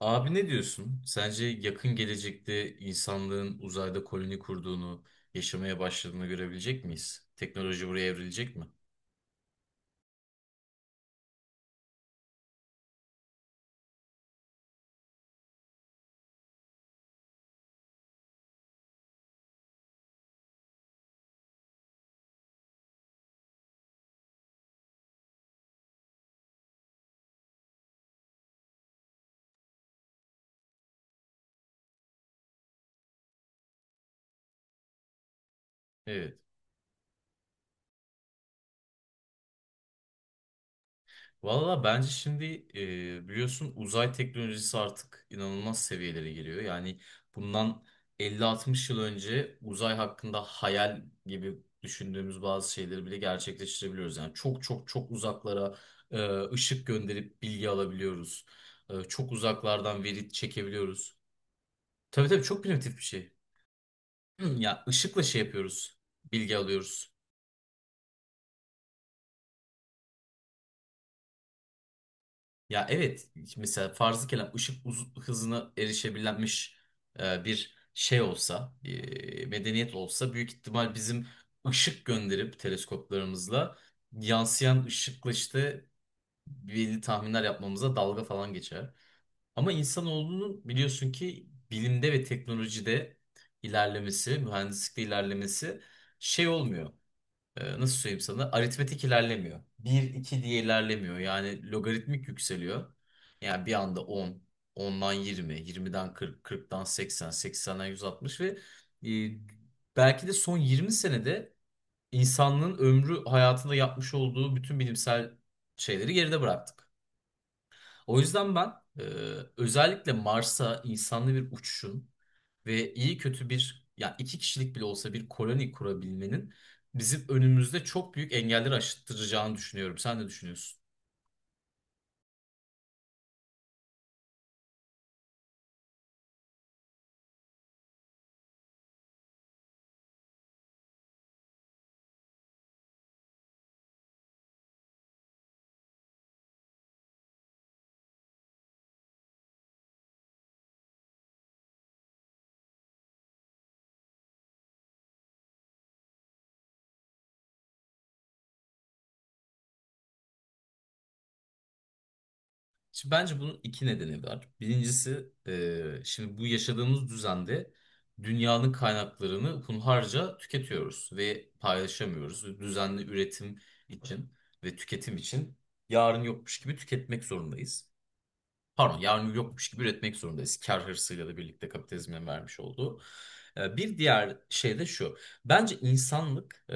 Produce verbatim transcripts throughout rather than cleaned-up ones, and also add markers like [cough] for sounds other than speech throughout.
Abi ne diyorsun? Sence yakın gelecekte insanlığın uzayda koloni kurduğunu, yaşamaya başladığını görebilecek miyiz? Teknoloji buraya evrilecek mi? Evet. Valla bence şimdi e, biliyorsun uzay teknolojisi artık inanılmaz seviyelere geliyor. Yani bundan elli altmış yıl önce uzay hakkında hayal gibi düşündüğümüz bazı şeyleri bile gerçekleştirebiliyoruz. Yani çok çok çok uzaklara e, ışık gönderip bilgi alabiliyoruz. E, çok uzaklardan veri çekebiliyoruz. Tabii tabii, çok primitif bir şey. [clears throat] Ya ışıkla şey yapıyoruz. Bilgi alıyoruz. Ya evet, mesela farzı kelam ışık uz- hızına erişebilenmiş e, bir şey olsa, e, medeniyet olsa, büyük ihtimal bizim ışık gönderip teleskoplarımızla yansıyan ışıkla işte belli tahminler yapmamıza dalga falan geçer. Ama insanoğlunun biliyorsun ki bilimde ve teknolojide ilerlemesi, mühendislikte ilerlemesi şey olmuyor. E, nasıl söyleyeyim sana, aritmetik ilerlemiyor. Bir iki diye ilerlemiyor. Yani logaritmik yükseliyor. Yani bir anda on, ondan yirmi, yirmiden kırk, kırktan seksen, seksenden yüz altmış ve e, belki de son yirmi senede insanlığın ömrü hayatında yapmış olduğu bütün bilimsel şeyleri geride bıraktık. O yüzden ben e, özellikle Mars'a insanlı bir uçuşun ve iyi kötü bir ya iki kişilik bile olsa bir koloni kurabilmenin bizim önümüzde çok büyük engelleri aşıttıracağını düşünüyorum. Sen ne düşünüyorsun? Şimdi bence bunun iki nedeni var. Birincisi, e, şimdi bu yaşadığımız düzende dünyanın kaynaklarını hunharca tüketiyoruz ve paylaşamıyoruz. Düzenli üretim için ve tüketim için yarın yokmuş gibi tüketmek zorundayız. Pardon, yarın yokmuş gibi üretmek zorundayız. Kar hırsıyla da birlikte, kapitalizmin vermiş olduğu. Ee, Bir diğer şey de şu. Bence insanlık, e,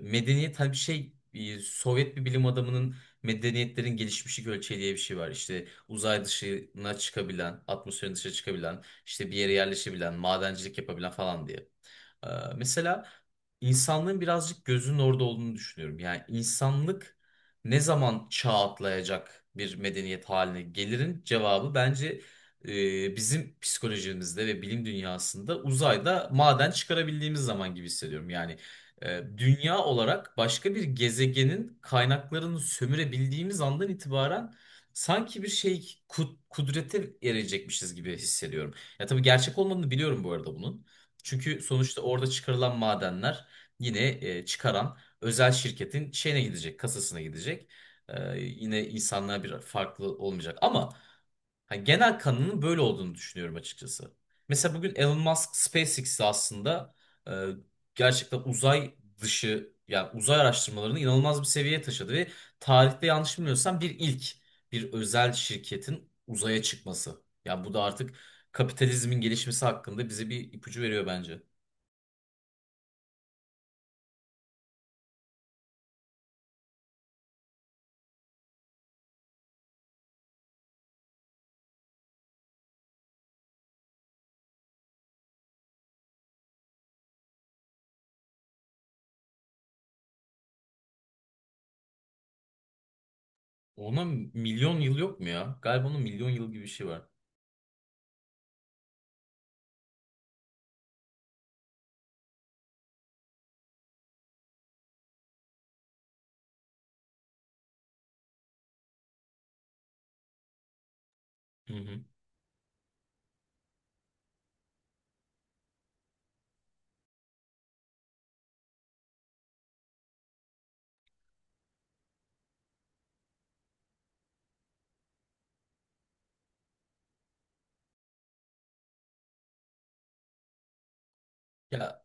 medeniyet, hani bir şey, e, Sovyet bir bilim adamının medeniyetlerin gelişmişlik ölçeği diye bir şey var. İşte uzay dışına çıkabilen, atmosferin dışına çıkabilen, işte bir yere yerleşebilen, madencilik yapabilen falan diye. Ee, Mesela insanlığın birazcık gözünün orada olduğunu düşünüyorum. Yani insanlık ne zaman çağ atlayacak bir medeniyet haline gelirin cevabı bence e, bizim psikolojimizde ve bilim dünyasında uzayda maden çıkarabildiğimiz zaman gibi hissediyorum. Yani e, dünya olarak başka bir gezegenin kaynaklarını sömürebildiğimiz andan itibaren sanki bir şey ku- kudrete erecekmişiz gibi hissediyorum. Ya tabii gerçek olmadığını biliyorum bu arada bunun. Çünkü sonuçta orada çıkarılan madenler yine e, çıkaran özel şirketin şeyine gidecek, kasasına gidecek. Ee, yine insanlar bir farklı olmayacak. Ama hani genel kanının böyle olduğunu düşünüyorum açıkçası. Mesela bugün Elon Musk SpaceX'te aslında e, gerçekten uzay dışı, yani uzay araştırmalarını inanılmaz bir seviyeye taşıdı ve tarihte yanlış bilmiyorsam bir ilk, bir özel şirketin uzaya çıkması. Yani bu da artık kapitalizmin gelişmesi hakkında bize bir ipucu veriyor bence. Ona milyon yıl yok mu ya? Galiba onun milyon yıl gibi bir şey var. Hı hı. Ya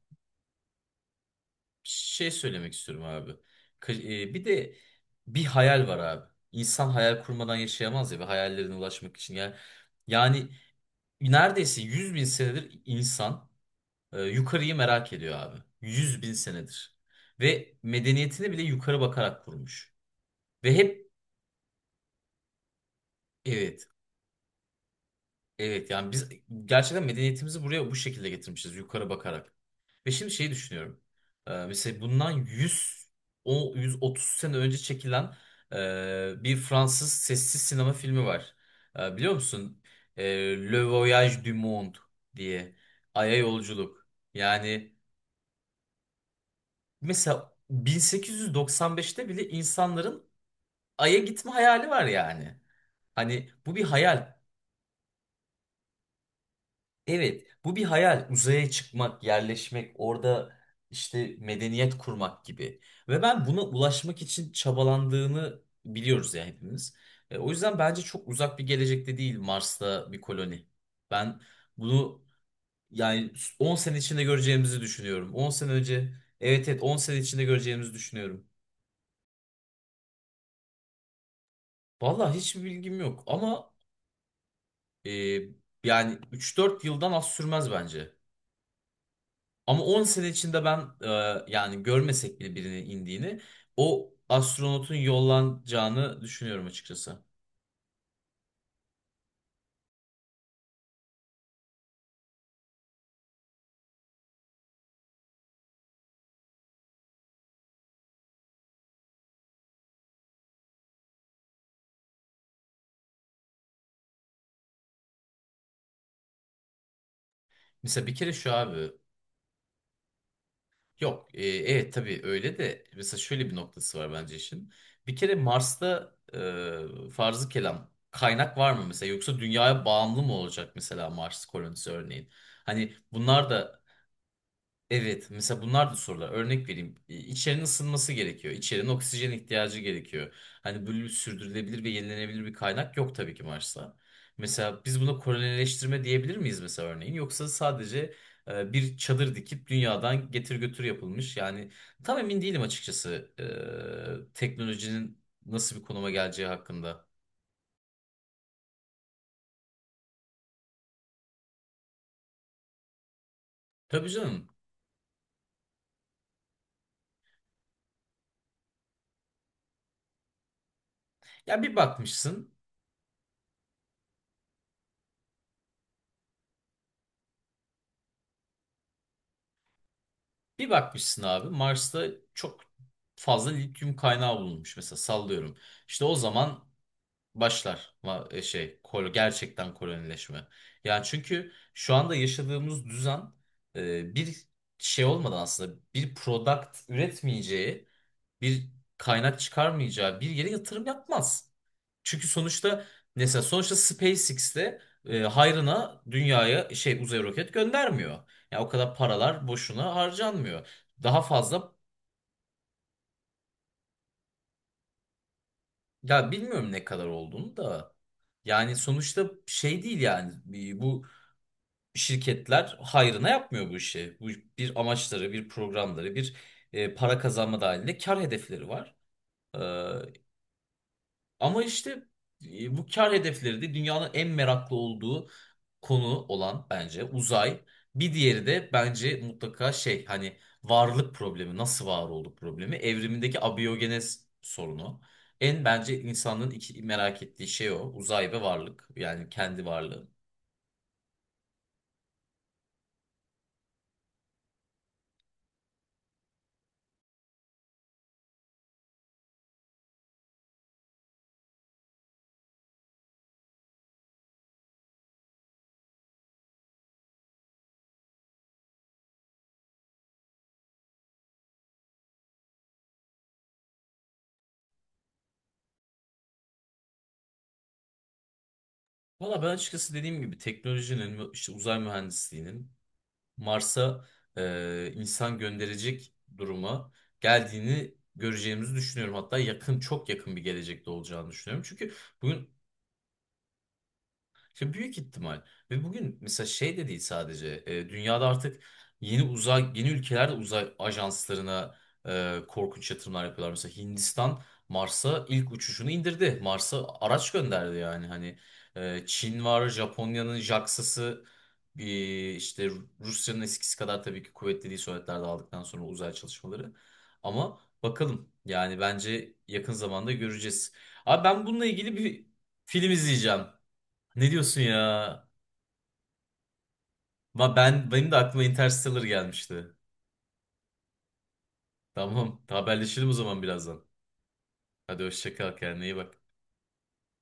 şey söylemek istiyorum abi. Kı- e, Bir de bir hayal var abi. İnsan hayal kurmadan yaşayamaz ya, ve hayallerine ulaşmak için. Yani, yani neredeyse yüz bin senedir insan e, yukarıyı merak ediyor abi. yüz bin senedir. Ve medeniyetini bile yukarı bakarak kurmuş. Ve hep evet, evet yani biz gerçekten medeniyetimizi buraya bu şekilde getirmişiz yukarı bakarak. Ve şimdi şeyi düşünüyorum. Ee, mesela bundan yüz, o yüz otuz sene önce çekilen e, bir Fransız sessiz sinema filmi var. Ee, biliyor musun? Ee, Le Voyage du Monde diye. Ay'a yolculuk. Yani mesela bin sekiz yüz doksan beşte bile insanların Ay'a gitme hayali var yani. Hani bu bir hayal. Evet, bu bir hayal. Uzaya çıkmak, yerleşmek, orada işte medeniyet kurmak gibi. Ve ben buna ulaşmak için çabalandığını biliyoruz ya hepimiz. E, o yüzden bence çok uzak bir gelecekte değil Mars'ta bir koloni. Ben bunu yani on sene içinde göreceğimizi düşünüyorum. on sene önce, evet evet, on sene içinde göreceğimizi düşünüyorum. Vallahi hiçbir bilgim yok ama e, yani üç dört yıldan az sürmez bence. Ama on sene içinde ben, e, yani görmesek bile birinin indiğini, o astronotun yollanacağını düşünüyorum açıkçası. Mesela bir kere şu abi, yok e, evet tabii öyle de, mesela şöyle bir noktası var bence işin. Bir kere Mars'ta e, farzı kelam kaynak var mı mesela, yoksa dünyaya bağımlı mı olacak mesela Mars kolonisi örneğin? Hani bunlar da, evet, mesela bunlar da sorular. Örnek vereyim. E, İçerinin ısınması gerekiyor. İçerinin oksijen ihtiyacı gerekiyor. Hani böyle sürdürülebilir ve yenilenebilir bir kaynak yok tabii ki Mars'ta. Mesela biz buna kolonileştirme diyebilir miyiz mesela örneğin? Yoksa sadece e, bir çadır dikip dünyadan getir götür yapılmış. Yani tam emin değilim açıkçası e, teknolojinin nasıl bir konuma geleceği hakkında. Tabii canım. Ya bir bakmışsın. Bir bakmışsın abi, Mars'ta çok fazla lityum kaynağı bulunmuş mesela, sallıyorum. İşte o zaman başlar ma- e, şey kol gerçekten kolonileşme. Yani çünkü şu anda yaşadığımız düzen e, bir şey olmadan aslında, bir product üretmeyeceği bir kaynak çıkarmayacağı bir yere yatırım yapmaz. Çünkü sonuçta, mesela sonuçta SpaceX'te e, hayrına dünyaya şey uzay roket göndermiyor. Yani o kadar paralar boşuna harcanmıyor. Daha fazla, ya bilmiyorum ne kadar olduğunu da. Yani sonuçta şey değil yani. Bir- bu şirketler hayrına yapmıyor bu işi. Bu bir amaçları, bir programları, bir e, para kazanma dahilinde kar hedefleri var. Ama işte e, bu kar hedefleri de dünyanın en meraklı olduğu konu olan bence uzay. Bir diğeri de bence mutlaka şey hani, varlık problemi, nasıl var olduk problemi, evrimindeki abiyogenez sorunu. En bence insanların iki merak ettiği şey o. Uzay ve varlık. Yani kendi varlığı. Valla ben açıkçası dediğim gibi teknolojinin, mü- işte uzay mühendisliğinin Mars'a e, insan gönderecek duruma geldiğini göreceğimizi düşünüyorum. Hatta yakın, çok yakın bir gelecekte olacağını düşünüyorum. Çünkü bugün, ya büyük ihtimal. Ve bugün mesela şey de değil sadece. E, dünyada artık yeni uzay, yeni ülkeler de uzay ajanslarına e, korkunç yatırımlar yapıyorlar. Mesela Hindistan Mars'a ilk uçuşunu indirdi. Mars'a araç gönderdi yani. Hani e, Çin var, Japonya'nın JAXA'sı bir işte, Rusya'nın eskisi kadar tabii ki kuvvetli değil Sovyetler dağıldıktan sonra uzay çalışmaları. Ama bakalım. Yani bence yakın zamanda göreceğiz. Abi ben bununla ilgili bir film izleyeceğim. Ne diyorsun ya? Ma ben, benim de aklıma Interstellar gelmişti. Tamam, haberleşelim o zaman birazdan. Hadi hoşça kal, kendine iyi bak.